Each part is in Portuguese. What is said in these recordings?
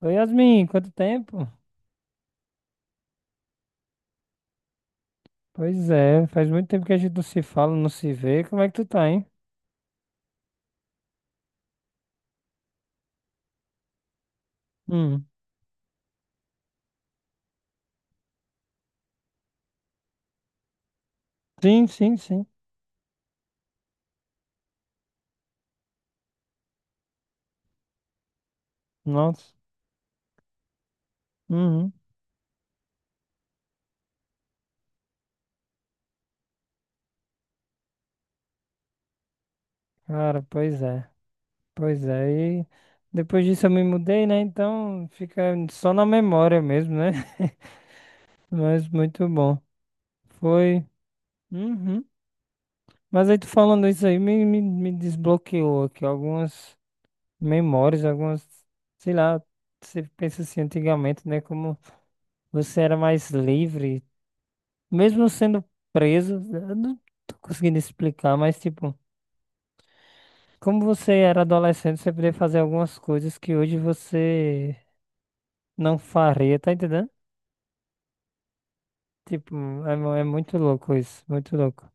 Oi, Yasmin, quanto tempo? Pois é, faz muito tempo que a gente não se fala, não se vê. Como é que tu tá, hein? Hum. Sim, sim, sim. Nossa. Uhum. Cara, pois é. Pois é. E depois disso eu me mudei, né? Então fica só na memória mesmo, né? Mas muito bom. Foi. Uhum. Mas aí tu falando isso aí me desbloqueou aqui algumas memórias, algumas, sei lá, você pensa assim, antigamente, né? Como você era mais livre, mesmo sendo preso, eu não tô conseguindo explicar, mas tipo, como você era adolescente, você podia fazer algumas coisas que hoje você não faria, tá entendendo? Tipo, é, é muito louco isso, muito louco.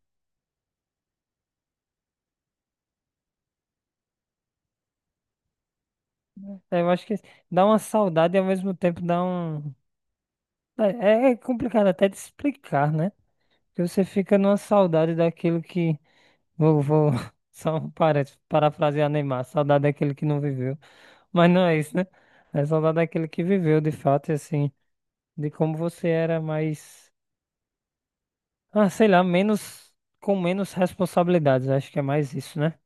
É, eu acho que dá uma saudade e ao mesmo tempo dá um. É, é complicado até de explicar, né? Porque você fica numa saudade daquilo que. Vou, vou... Só um parênteses, parafrasear Neymar, saudade daquele que não viveu. Mas não é isso, né? É saudade daquele que viveu de fato, e assim. De como você era mais, ah, sei lá, menos com menos responsabilidades. Acho que é mais isso, né?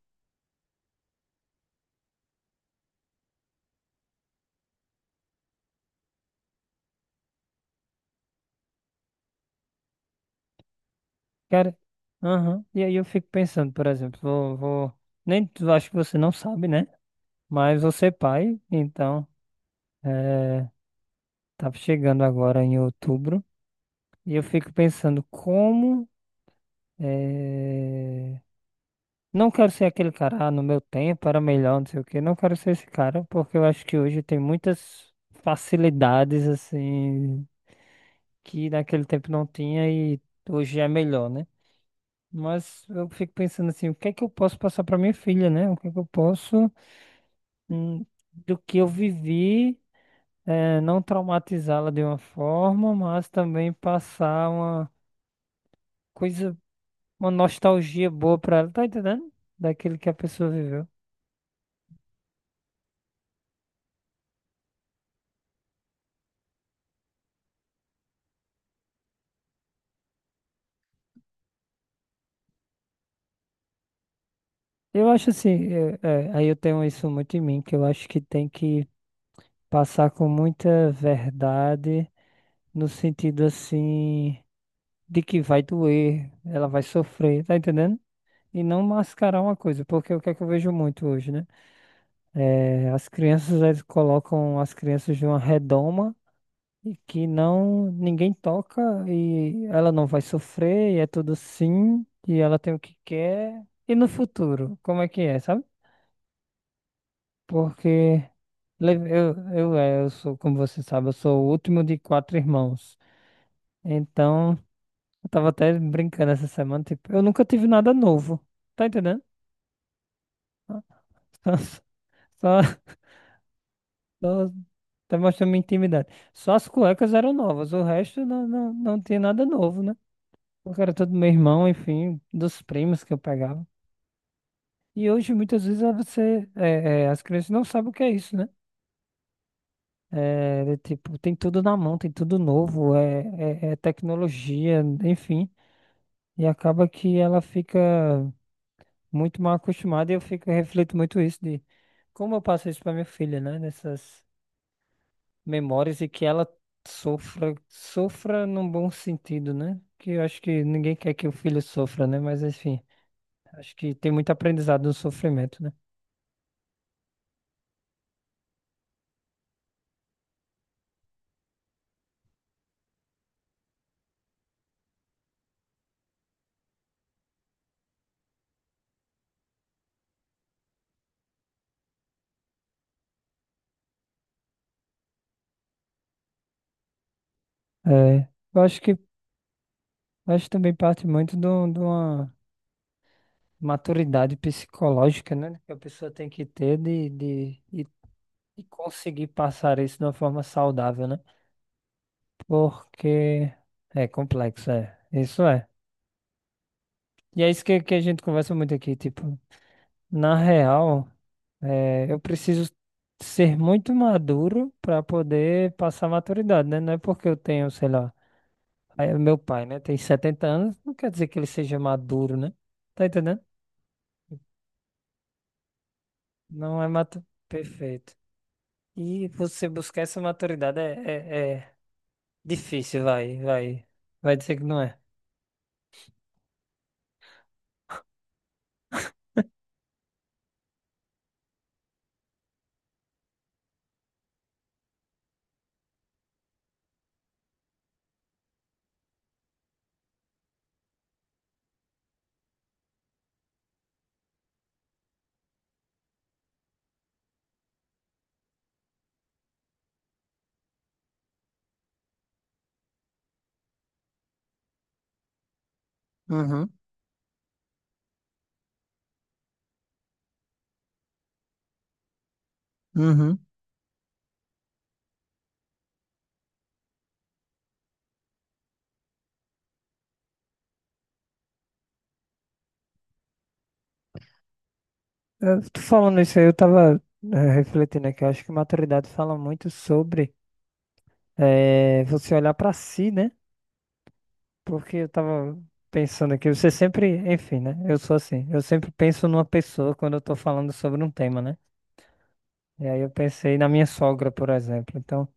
Cara, aham. E aí eu fico pensando, por exemplo, nem tu- acho que você não sabe, né? Mas você é pai, então, é, tá chegando agora em outubro. E eu fico pensando como, é, não quero ser aquele cara, ah, no meu tempo era melhor, não sei o quê. Não quero ser esse cara, porque eu acho que hoje tem muitas facilidades assim que naquele tempo não tinha e hoje é melhor, né? Mas eu fico pensando assim, o que é que eu posso passar para minha filha, né? O que é que eu posso, hum, do que eu vivi, não traumatizá-la de uma forma, mas também passar uma coisa, uma nostalgia boa para ela, tá entendendo? Daquilo que a pessoa viveu. Eu acho assim, aí eu tenho isso muito em mim, que eu acho que tem que passar com muita verdade, no sentido assim. De que vai doer, ela vai sofrer, tá entendendo? E não mascarar uma coisa, porque o que é que eu vejo muito hoje, né? É, as crianças, eles colocam as crianças de uma redoma e que não, ninguém toca e ela não vai sofrer, e é tudo sim, e ela tem o que quer. E no futuro, como é que é, sabe? Porque é, eu sou, como você sabe, eu sou o último de quatro irmãos. Então, eu tava até brincando essa semana, tipo, eu nunca tive nada novo. Tá entendendo? Só, só, só tá mostrando minha intimidade. Só as cuecas eram novas, o resto não tinha nada novo, né? Porque era todo meu irmão, enfim, dos primos que eu pegava. E hoje, muitas vezes, você, as crianças não sabem o que é isso, né? É, de tipo, tem tudo na mão, tem tudo novo, é, é tecnologia, enfim. E acaba que ela fica muito mal acostumada e eu fico, reflito muito isso de como eu passo isso para minha filha, né? Nessas memórias e que ela sofra, sofra num bom sentido, né? Que eu acho que ninguém quer que o filho sofra, né? Mas enfim, acho que tem muito aprendizado no sofrimento, né? É, eu acho que também parte muito de uma maturidade psicológica, né? Que a pessoa tem que ter de conseguir passar isso de uma forma saudável, né? Porque é complexo, é. Isso é. E é isso que a gente conversa muito aqui, tipo. Na real, eu preciso ser muito maduro para poder passar maturidade, né? Não é porque eu tenho, sei lá, aí o meu pai, né, tem 70 anos, não quer dizer que ele seja maduro, né? Tá entendendo? Não é Perfeito. E você buscar essa maturidade é difícil, Vai dizer que não é. Uhum, uhum. Eu tô falando isso aí, eu tava refletindo aqui. Eu acho que maturidade fala muito sobre você olhar para si, né? Porque eu tava pensando aqui, você sempre, enfim, né? Eu sou assim, eu sempre penso numa pessoa quando eu tô falando sobre um tema, né? E aí eu pensei na minha sogra, por exemplo. Então,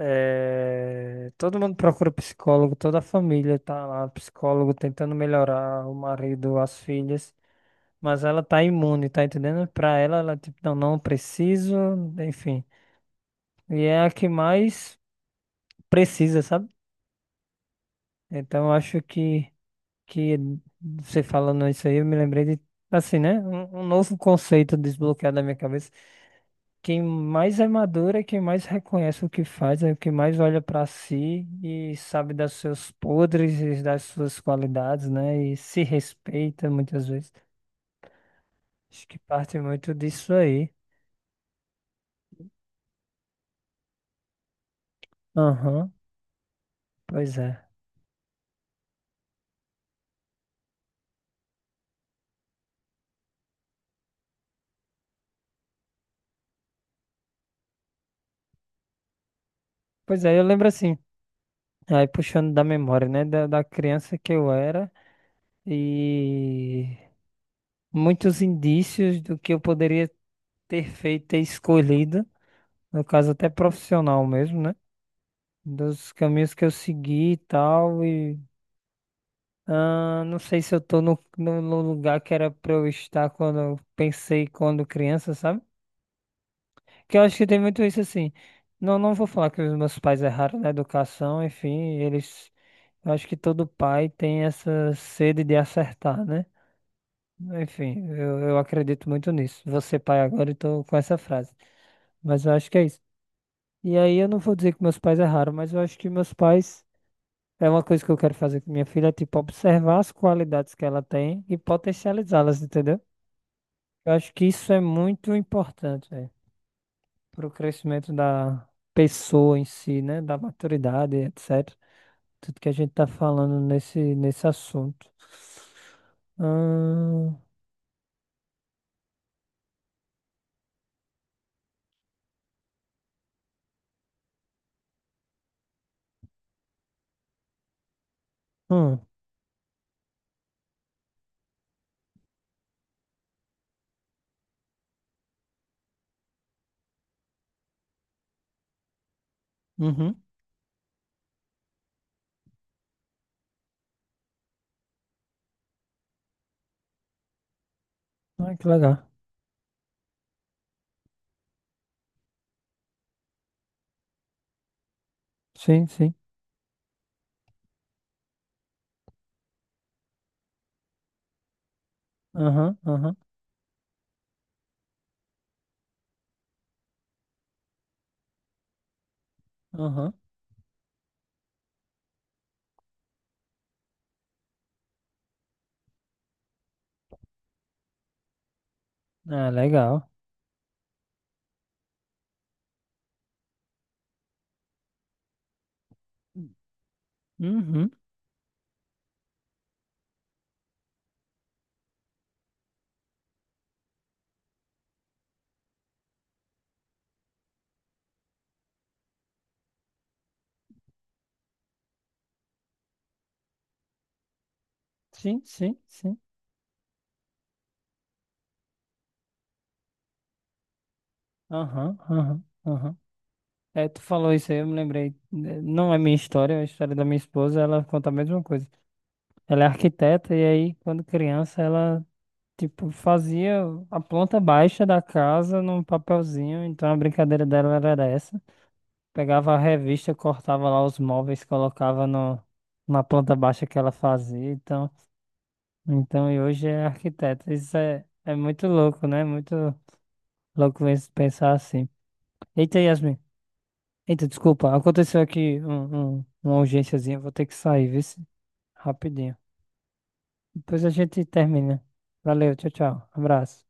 todo mundo procura psicólogo, toda a família tá lá, psicólogo tentando melhorar o marido, as filhas, mas ela tá imune, tá entendendo? Pra ela, ela é tipo, não, não preciso, enfim. E é a que mais precisa, sabe? Então, eu acho que que você falando isso aí, eu me lembrei de, assim, né? Um novo conceito desbloqueado na minha cabeça. Quem mais é maduro é quem mais reconhece o que faz, é o que mais olha pra si e sabe dos seus podres e das suas qualidades, né? E se respeita muitas vezes. Acho que parte muito disso aí. Aham, pois é. Pois é, eu lembro assim, aí puxando da memória, né? Da criança que eu era e muitos indícios do que eu poderia ter feito, ter escolhido, no caso até profissional mesmo, né? Dos caminhos que eu segui e tal, e ah, não sei se eu tô no lugar que era pra eu estar quando eu pensei quando criança, sabe? Que eu acho que tem muito isso assim. Não, não vou falar que os meus pais erraram na educação, enfim, eles. Eu acho que todo pai tem essa sede de acertar, né? Enfim, eu acredito muito nisso. Você pai agora e tô com essa frase. Mas eu acho que é isso. E aí eu não vou dizer que meus pais erraram, mas eu acho que meus pais é uma coisa que eu quero fazer com minha filha, é, tipo, observar as qualidades que ela tem e potencializá-las, entendeu? Eu acho que isso é muito importante, velho, para o crescimento da pessoa em si, né? Da maturidade, etc. Tudo que a gente tá falando nesse assunto. Ahn, hum, uhum. Ah, que legal. Sim, sim. Aham, aham, aham. Ah, legal. Uhum. Sim, sim, sim. Aham, aham, aham. É, tu falou isso aí, eu me lembrei. Eh, não é minha história, é a história da minha esposa, ela conta a mesma coisa. Ela é arquiteta e aí, quando criança, ela, tipo, fazia a planta baixa da casa num papelzinho, então a brincadeira dela era essa. Pegava a revista, cortava lá os móveis, colocava no, na planta baixa que ela fazia, então, então e hoje é arquiteta. Isso é muito louco, né? Muito louco isso pensar assim. Eita, Yasmin. Eita, desculpa, aconteceu aqui uma urgênciazinha, vou ter que sair, viu? Rapidinho. Depois a gente termina. Valeu, tchau, tchau. Abraço.